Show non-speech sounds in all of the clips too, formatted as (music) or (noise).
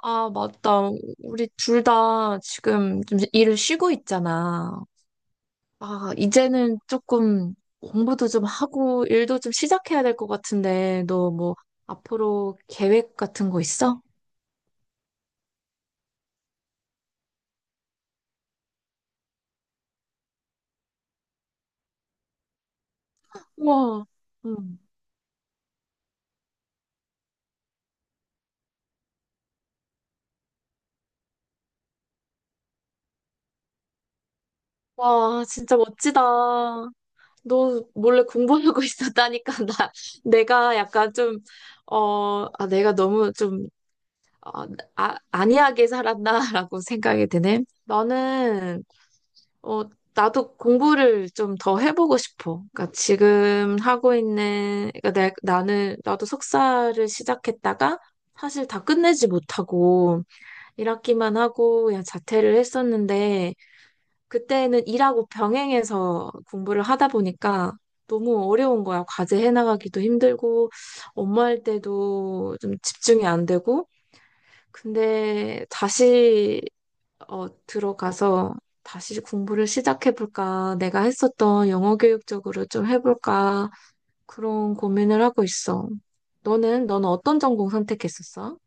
아, 맞다. 우리 둘 다 지금 좀 일을 쉬고 있잖아. 이제는 조금 공부도 좀 하고 일도 좀 시작해야 될 것 같은데, 너 뭐 앞으로 계획 같은 거 있어? 우와, 응. 와, 진짜 멋지다. 너 몰래 공부하고 (laughs) 있었다니까, 내가 약간 좀, 내가 너무 좀, 어, 안이하게 살았나라고 생각이 드네. 어, 나도 공부를 좀 더 해보고 싶어. 그러니까 지금 하고 있는, 그러니까 나도 석사를 시작했다가 사실 다 끝내지 못하고 일학기만 하고 그냥 자퇴를 했었는데, 그때는 일하고 병행해서 공부를 하다 보니까 너무 어려운 거야. 과제 해나가기도 힘들고 업무할 때도 좀 집중이 안 되고. 근데 다시 들어가서 다시 공부를 시작해볼까? 내가 했었던 영어 교육 쪽으로 좀 해볼까? 그런 고민을 하고 있어. 너는 어떤 전공 선택했었어?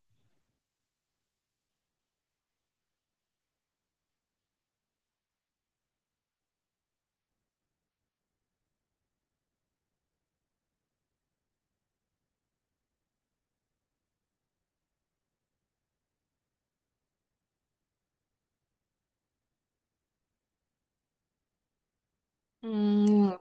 음,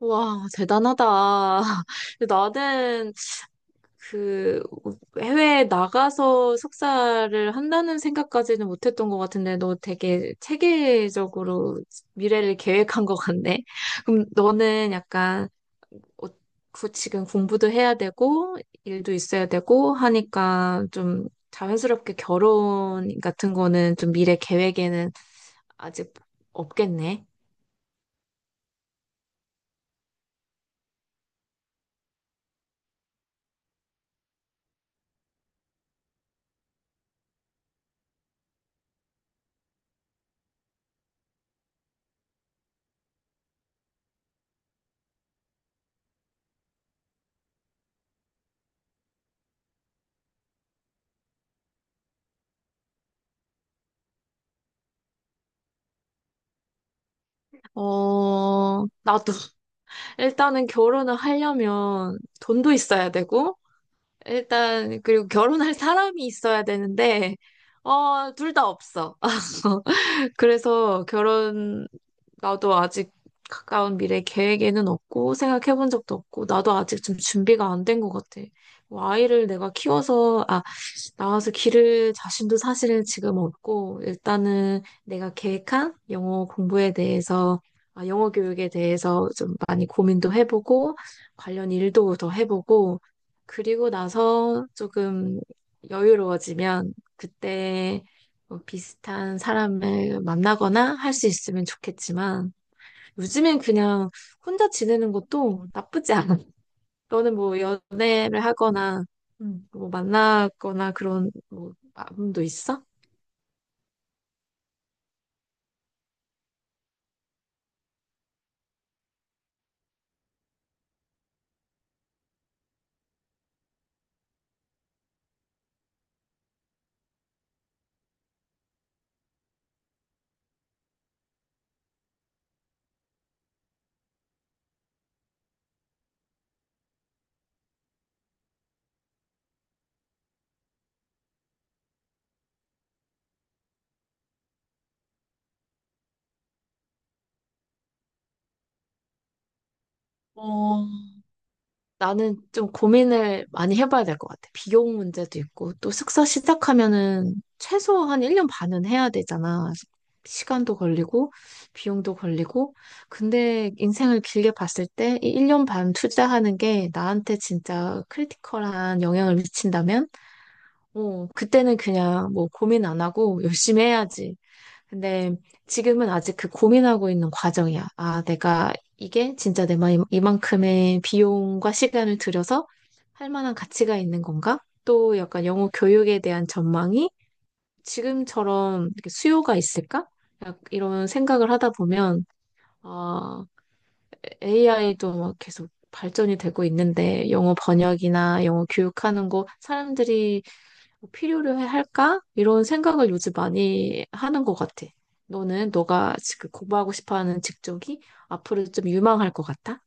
와, 대단하다. (laughs) 나는 그 해외에 나가서 석사를 한다는 생각까지는 못했던 것 같은데, 너 되게 체계적으로 미래를 계획한 것 같네. 그럼 너는 약간 어, 그 지금 공부도 해야 되고, 일도 있어야 되고 하니까 좀 자연스럽게 결혼 같은 거는 좀 미래 계획에는 아직 없겠네. 어, 나도 (laughs) 일단은 결혼을 하려면 돈도 있어야 되고, 일단, 그리고 결혼할 사람이 있어야 되는데, 어, 둘 다 없어. (laughs) 그래서 결혼, 나도 아직 가까운 미래 계획에는 없고 생각해 본 적도 없고 나도 아직 좀 준비가 안 된 것 같아. 뭐 아이를 내가 키워서 아 나와서 기를 자신도 사실은 지금 없고, 일단은 내가 계획한 영어 공부에 대해서, 아, 영어 교육에 대해서 좀 많이 고민도 해보고 관련 일도 더 해보고 그리고 나서 조금 여유로워지면 그때 뭐 비슷한 사람을 만나거나 할 수 있으면 좋겠지만 요즘엔 그냥 혼자 지내는 것도 나쁘지 않아. 너는 뭐 연애를 하거나 음, 뭐 만나거나 그런 뭐 마음도 있어? 어, 나는 좀 고민을 많이 해봐야 될 것 같아. 비용 문제도 있고, 또 숙사 시작하면은 최소 한 1년 반은 해야 되잖아. 시간도 걸리고, 비용도 걸리고. 근데 인생을 길게 봤을 때 이 1년 반 투자하는 게 나한테 진짜 크리티컬한 영향을 미친다면, 어, 그때는 그냥 뭐 고민 안 하고 열심히 해야지. 근데 지금은 아직 그 고민하고 있는 과정이야. 아, 내가 이게 진짜 내 마음 이만큼의 비용과 시간을 들여서 할 만한 가치가 있는 건가? 또 약간 영어 교육에 대한 전망이 지금처럼 이렇게 수요가 있을까? 약 이런 생각을 하다 보면 아, AI도 막 계속 발전이 되고 있는데 영어 번역이나 영어 교육하는 거 사람들이 필요로 해 할까? 이런 생각을 요즘 많이 하는 것 같아. 너는 너가 지금 공부하고 싶어 하는 직종이 앞으로 좀 유망할 것 같아?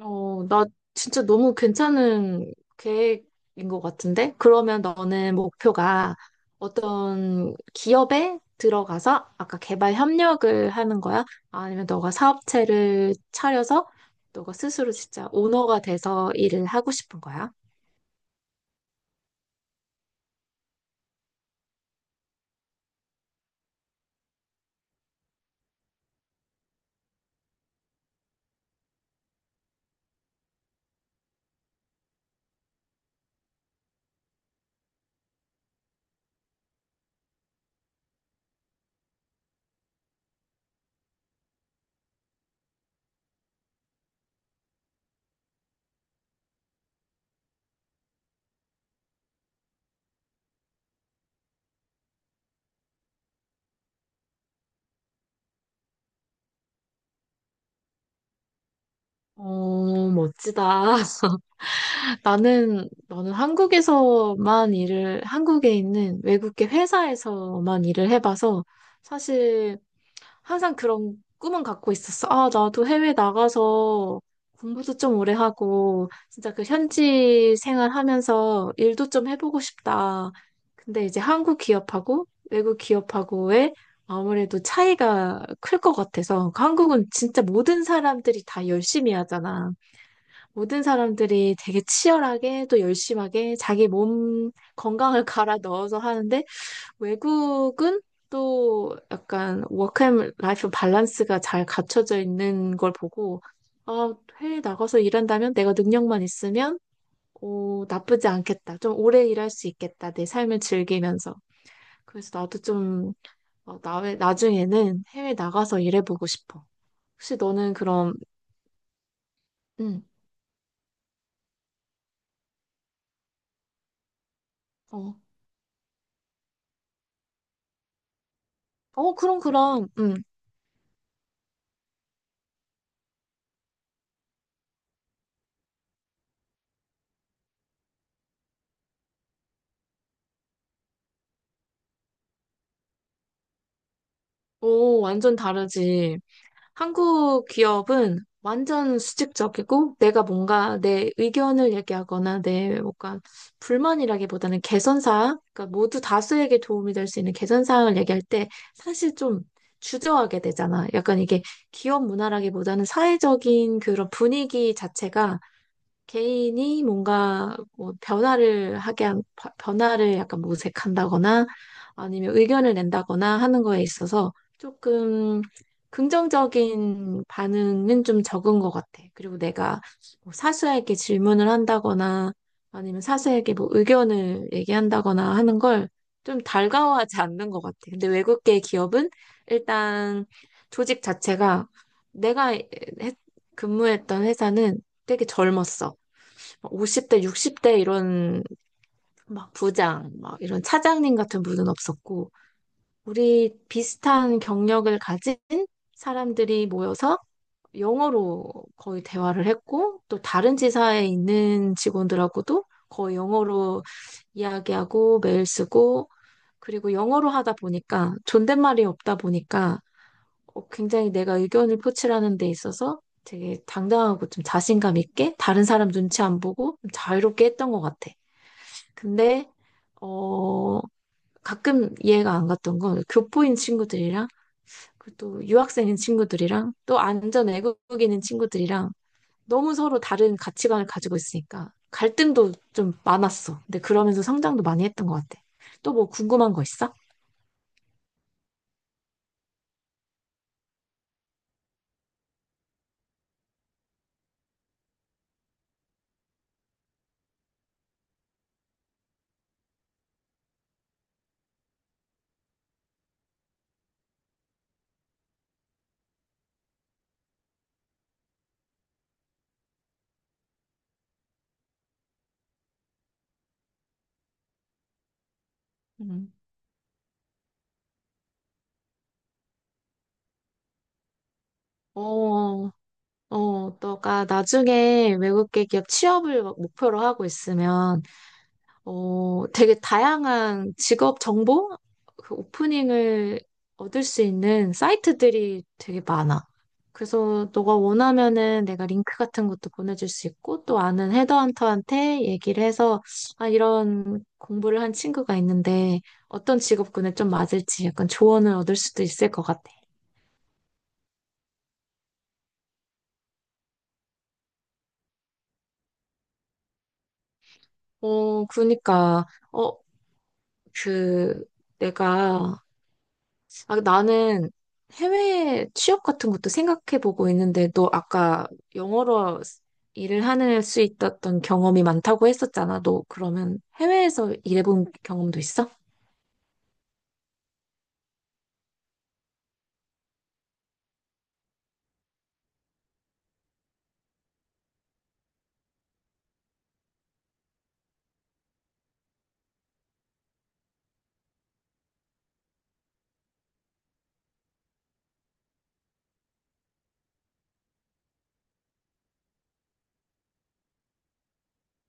나 진짜 너무 괜찮은 계획인 것 같은데? 그러면 너는 목표가 어떤 기업에 들어가서 아까 개발 협력을 하는 거야? 아니면 너가 사업체를 차려서 너가 스스로 진짜 오너가 돼서 일을 하고 싶은 거야? 어, 멋지다. (laughs) 나는 한국에서만 한국에 있는 외국계 회사에서만 일을 해봐서 사실 항상 그런 꿈은 갖고 있었어. 아, 나도 해외 나가서 공부도 좀 오래 하고, 진짜 그 현지 생활하면서 일도 좀 해보고 싶다. 근데 이제 한국 기업하고 외국 기업하고의 아무래도 차이가 클 것 같아서. 그 한국은 진짜 모든 사람들이 다 열심히 하잖아. 모든 사람들이 되게 치열하게 또 열심하게 자기 몸 건강을 (laughs) 갈아 넣어서 하는데, 외국은 또 약간 워크앤 라이프 밸런스가 잘 갖춰져 있는 걸 보고, 아, 해외 나가서 일한다면 내가 능력만 있으면, 오, 나쁘지 않겠다. 좀 오래 일할 수 있겠다. 내 삶을 즐기면서. 그래서 나도 좀, 나중에는 해외 나가서 일해보고 싶어. 혹시 너는 그럼, 음, 어, 어, 그럼, 그럼, 오, 완전 다르지. 한국 기업은 완전 수직적이고 내가 뭔가 내 의견을 얘기하거나 내 뭔가 불만이라기보다는 개선사항, 그러니까 모두 다수에게 도움이 될 수 있는 개선사항을 얘기할 때 사실 좀 주저하게 되잖아. 약간 이게 기업 문화라기보다는 사회적인 그런 분위기 자체가 개인이 뭔가 뭐 변화를 하게 한, 바- 변화를 약간 모색한다거나 아니면 의견을 낸다거나 하는 거에 있어서 조금 긍정적인 반응은 좀 적은 것 같아. 그리고 내가 뭐 사수에게 질문을 한다거나 아니면 사수에게 뭐 의견을 얘기한다거나 하는 걸 좀 달가워하지 않는 것 같아. 근데 외국계 기업은 일단 조직 자체가 내가 했- 근무했던 회사는 되게 젊었어. 50대, 60대 이런 막 부장, 막 이런 차장님 같은 분은 없었고, 우리 비슷한 경력을 가진 사람들이 모여서 영어로 거의 대화를 했고, 또 다른 지사에 있는 직원들하고도 거의 영어로 이야기하고 메일 쓰고, 그리고 영어로 하다 보니까 존댓말이 없다 보니까, 어, 굉장히 내가 의견을 표출하는 데 있어서 되게 당당하고 좀 자신감 있게 다른 사람 눈치 안 보고 좀 자유롭게 했던 것 같아. 근데 어 가끔 이해가 안 갔던 건 교포인 친구들이랑 그리고 또 유학생인 친구들이랑 또 안전 외국인인 친구들이랑 너무 서로 다른 가치관을 가지고 있으니까 갈등도 좀 많았어. 근데 그러면서 성장도 많이 했던 것 같아. 또 뭐 궁금한 거 있어? 음. 어, 어, 너가 나중에 외국계 기업 취업을 목표로 하고 있으면, 어, 되게 다양한 직업 정보? 그 오프닝을 얻을 수 있는 사이트들이 되게 많아. 그래서 너가 원하면은 내가 링크 같은 것도 보내줄 수 있고, 또 아는 헤드헌터한테 얘기를 해서, 아, 이런 공부를 한 친구가 있는데, 어떤 직업군에 좀 맞을지 약간 조언을 얻을 수도 있을 것 같아. 어, 그러니까, 어, 그, 내가 아, 나는 해외 취업 같은 것도 생각해 보고 있는데, 너 아까 영어로 일을 하는 수 있었던 경험이 많다고 했었잖아. 너 그러면 해외에서 일해본 경험도 있어?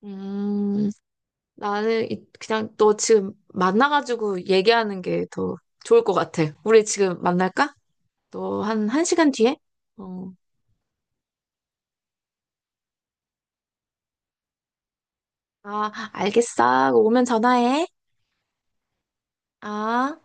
음, 나는 그냥 너 지금 만나가지고 얘기하는 게 더 좋을 것 같아. 우리 지금 만날까? 너 한 시간 뒤에? 어, 아, 알겠어. 오면 전화해. 아.